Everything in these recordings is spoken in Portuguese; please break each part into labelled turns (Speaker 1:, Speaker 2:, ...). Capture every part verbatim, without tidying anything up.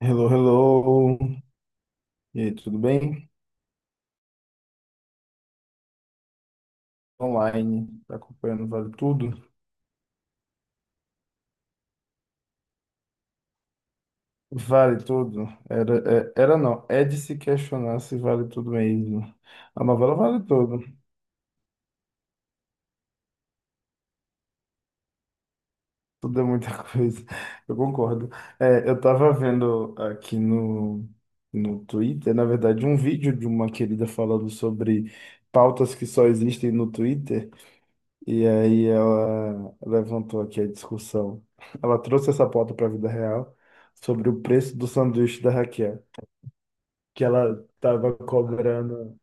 Speaker 1: Hello, hello. E aí, tudo bem? Online, tá acompanhando Vale Tudo? Vale Tudo? Era, é- era não, é de se questionar se vale tudo mesmo. A novela vale tudo, tudo é muita coisa, eu concordo. É, eu tava vendo aqui no, no Twitter, na verdade, um vídeo de uma querida falando sobre pautas que só existem no Twitter. E aí ela levantou aqui a discussão. Ela trouxe essa pauta para a vida real sobre o preço do sanduíche da Raquel, que ela estava cobrando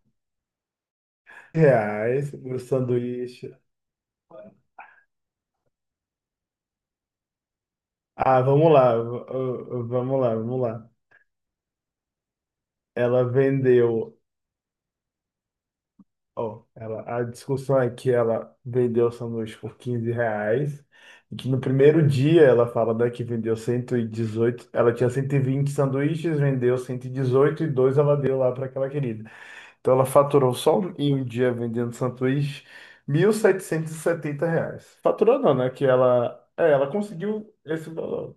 Speaker 1: reais no sanduíche. Ah, vamos lá, v- v- vamos lá, vamos lá. Ela vendeu, ó, ela, a discussão é que ela vendeu o sanduíche por quinze reais. E que no primeiro dia ela fala, né, que vendeu cento e dezoito, ela tinha cento e vinte sanduíches, vendeu cento e dezoito, e dois ela deu lá para aquela querida. Então ela faturou só um, em um dia vendendo sanduíche, mil setecentos e setenta reais. Faturou não, né? Que ela, é, ela conseguiu esse valor.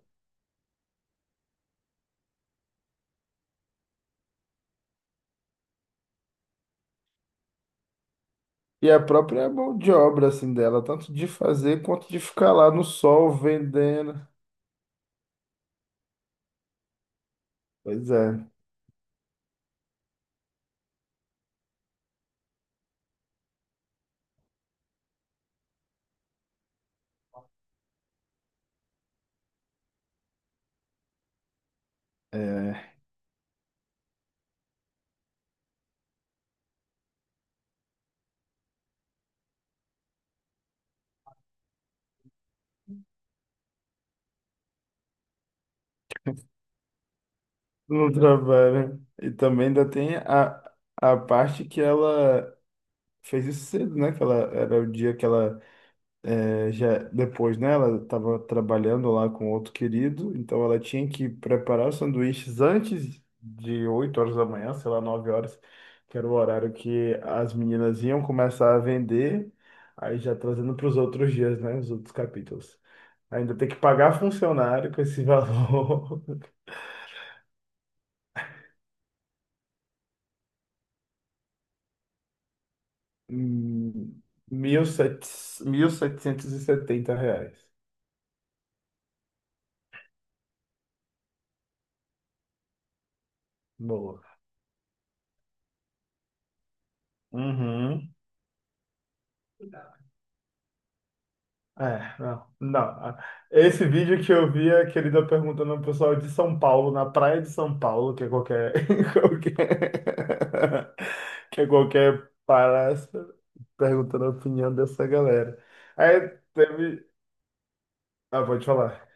Speaker 1: E a própria mão de obra assim dela, tanto de fazer quanto de ficar lá no sol vendendo. Pois é, é, no trabalho. E também ainda tem a, a parte que ela fez isso cedo, né? Que ela era o dia que ela eh, já depois, né, ela estava trabalhando lá com outro querido, então ela tinha que preparar os sanduíches antes de oito horas da manhã, sei lá, nove horas, que era o horário que as meninas iam começar a vender, aí já trazendo para os outros dias, né, os outros capítulos. Ainda tem que pagar funcionário com esse valor, hum, mil e setecentos e setenta reais. Boa. Uhum. É, não, não. Ah, esse vídeo que eu vi é aquele da perguntando ao pessoal de São Paulo, na praia de São Paulo, que é qualquer, qualquer, que é qualquer palhaço, perguntando a opinião dessa galera. Aí teve, ah, pode falar.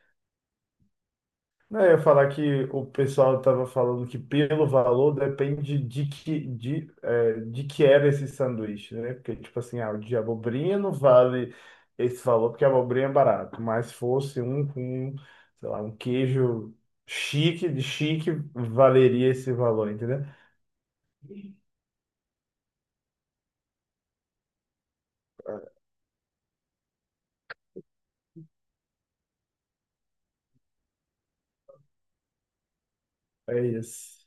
Speaker 1: Não, eu ia falar que o pessoal estava falando que pelo valor depende de que, de, é, de que era esse sanduíche, né? Porque, tipo assim, ah, o de abobrinha não vale esse valor porque a abobrinha é barato, mas se fosse um com, sei lá, um queijo chique, de chique, valeria esse valor, entendeu? É isso.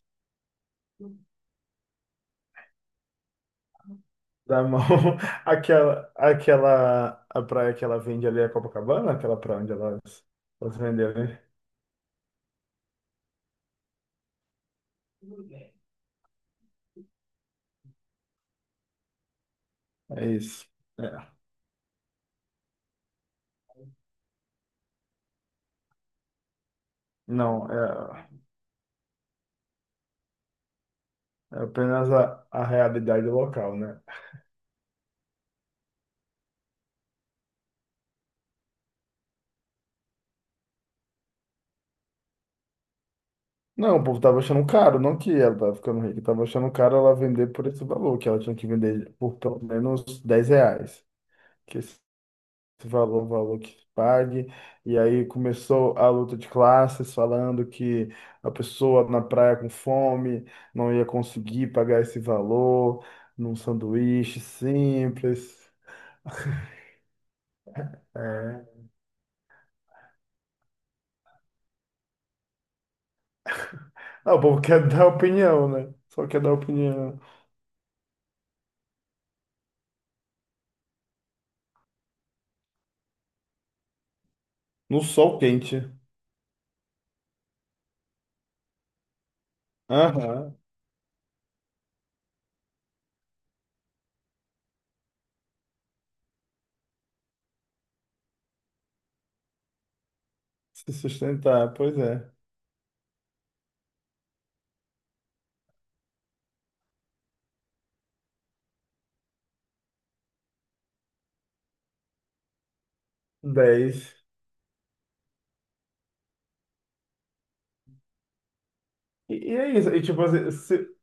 Speaker 1: Da mão, aquela, aquela, a praia que ela vende ali é Copacabana, aquela praia onde elas, elas venderam, né? É isso. É. Não, é. É apenas a, a realidade local, né? Não, o povo tava achando caro, não que ela tava ficando rica, tava achando caro ela vender por esse valor, que ela tinha que vender por pelo menos dez reais, que esse valor, é o valor que se pague. E aí começou a luta de classes, falando que a pessoa na praia com fome não ia conseguir pagar esse valor num sanduíche simples. É. Ah, o povo quer dar opinião, né? Só quer dar opinião. No sol quente. Aham. Se sustentar, pois é. Dez. E, e é isso. E tipo assim, se,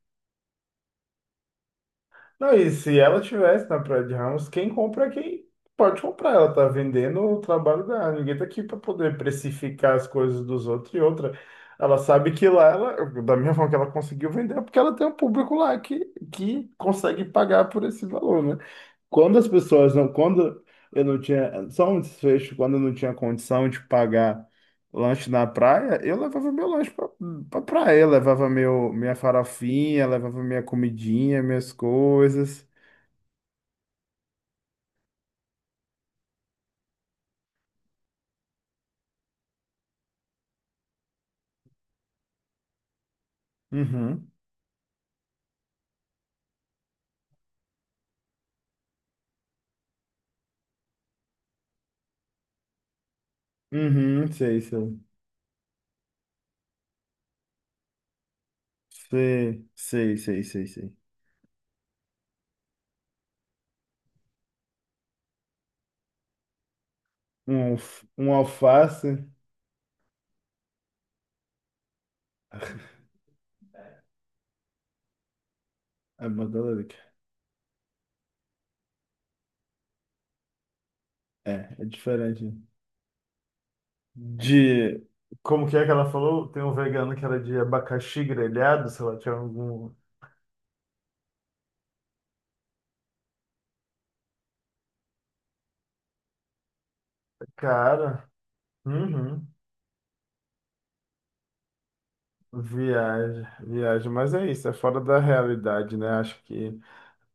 Speaker 1: não, e se ela tivesse na Praia de Ramos, quem compra é quem pode comprar. Ela tá vendendo o trabalho dela. Ninguém tá aqui para poder precificar as coisas dos outros e outra. Ela sabe que lá, ela, da mesma forma que ela conseguiu vender, é porque ela tem um público lá que, que consegue pagar por esse valor, né? Quando as pessoas não, quando eu não tinha, só um desfecho, quando eu não tinha condição de pagar lanche na praia, eu levava meu lanche pra, pra praia, eu levava meu, minha farofinha, levava minha comidinha, minhas coisas. Uhum, uhum, sei, sei, sei, sei, sei, sei, sei. Um, alf- um alface, é mandalorica, é, é diferente de, como que é que ela falou? Tem um vegano que era de abacaxi grelhado, sei lá, tinha algum, cara... Uhum. Viagem, viagem, mas é isso, é fora da realidade, né? Acho que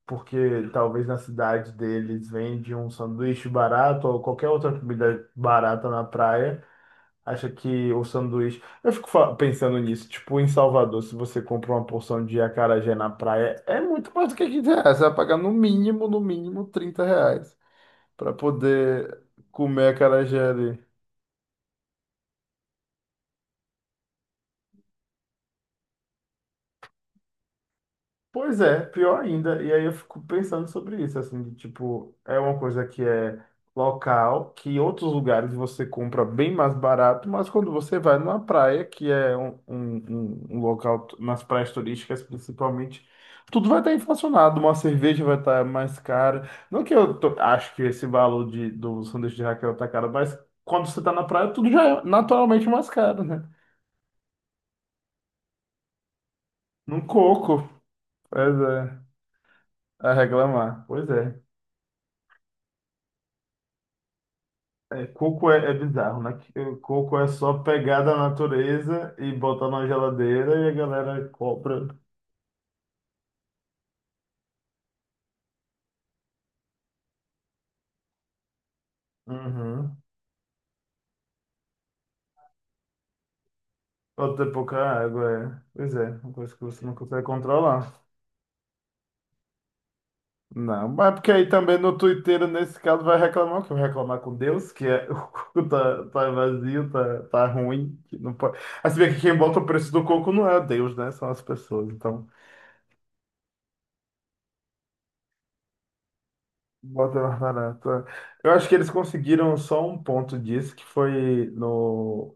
Speaker 1: porque talvez na cidade deles vende um sanduíche barato ou qualquer outra comida barata na praia, acha que o sanduíche. Eu fico fa- pensando nisso, tipo, em Salvador, se você compra uma porção de acarajé na praia, é muito mais do que quinze reais, você vai pagar no mínimo, no mínimo trinta reais para poder comer acarajé ali. Pois é, pior ainda. E aí eu fico pensando sobre isso, assim, de, tipo, é uma coisa que é local, que em outros lugares você compra bem mais barato, mas quando você vai numa praia, que é um, um, um um local, t- nas praias turísticas principalmente, tudo vai estar inflacionado, uma cerveja vai estar mais cara. Não que eu tô- acho que esse valor de, do sanduíche de Raquel tá caro, mas quando você tá na praia, tudo já é naturalmente mais caro, né? Num coco, pois é, a reclamar, pois é. É, coco é, é bizarro, né? Que, eh, Coco é só pegar da natureza e botar na geladeira e a galera compra. Uhum. Ou ter pouca água, é. Pois é, uma coisa que você não consegue controlar. Não, mas é porque aí também no Twitter, nesse caso, vai reclamar, que vai reclamar com Deus, que é, o coco tá, tá vazio, tá, tá ruim, que não pode... Ah, se bem que quem bota o preço do coco não é Deus, né? São as pessoas, então bota mais barato. É. Eu acho que eles conseguiram só um ponto disso, que foi no.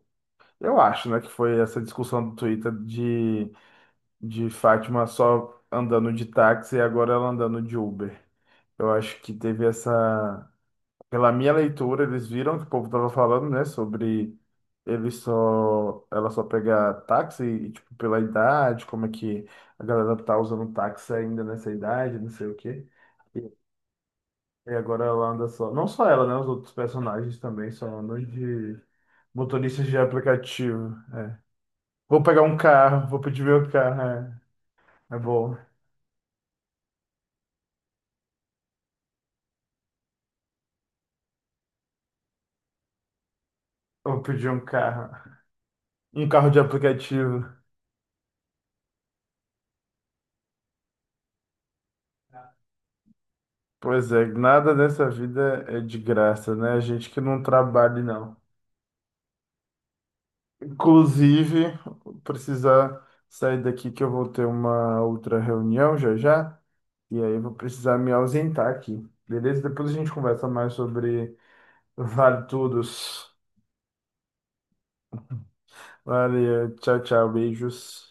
Speaker 1: Eu acho, né, que foi essa discussão do Twitter de, de Fátima só andando de táxi e agora ela andando de Uber. Eu acho que teve essa. Pela minha leitura, eles viram que o povo tava falando, né, sobre ele só, ela só pegar táxi e, tipo, pela idade, como é que a galera tá usando táxi ainda nessa idade, não sei o quê. E, e agora ela anda só. Não só ela, né, os outros personagens também só andam de motoristas de aplicativo. Vou pegar um carro, vou pedir meu carro, é, é bom. Vou pedir um carro. Um carro de aplicativo. Pois é, nada nessa vida é de graça, né? A gente que não trabalha, não. Inclusive, vou precisar sair daqui que eu vou ter uma outra reunião já já. E aí eu vou precisar me ausentar aqui. Beleza? Depois a gente conversa mais sobre Vale Tudos. Valeu, tchau, tchau, beijos.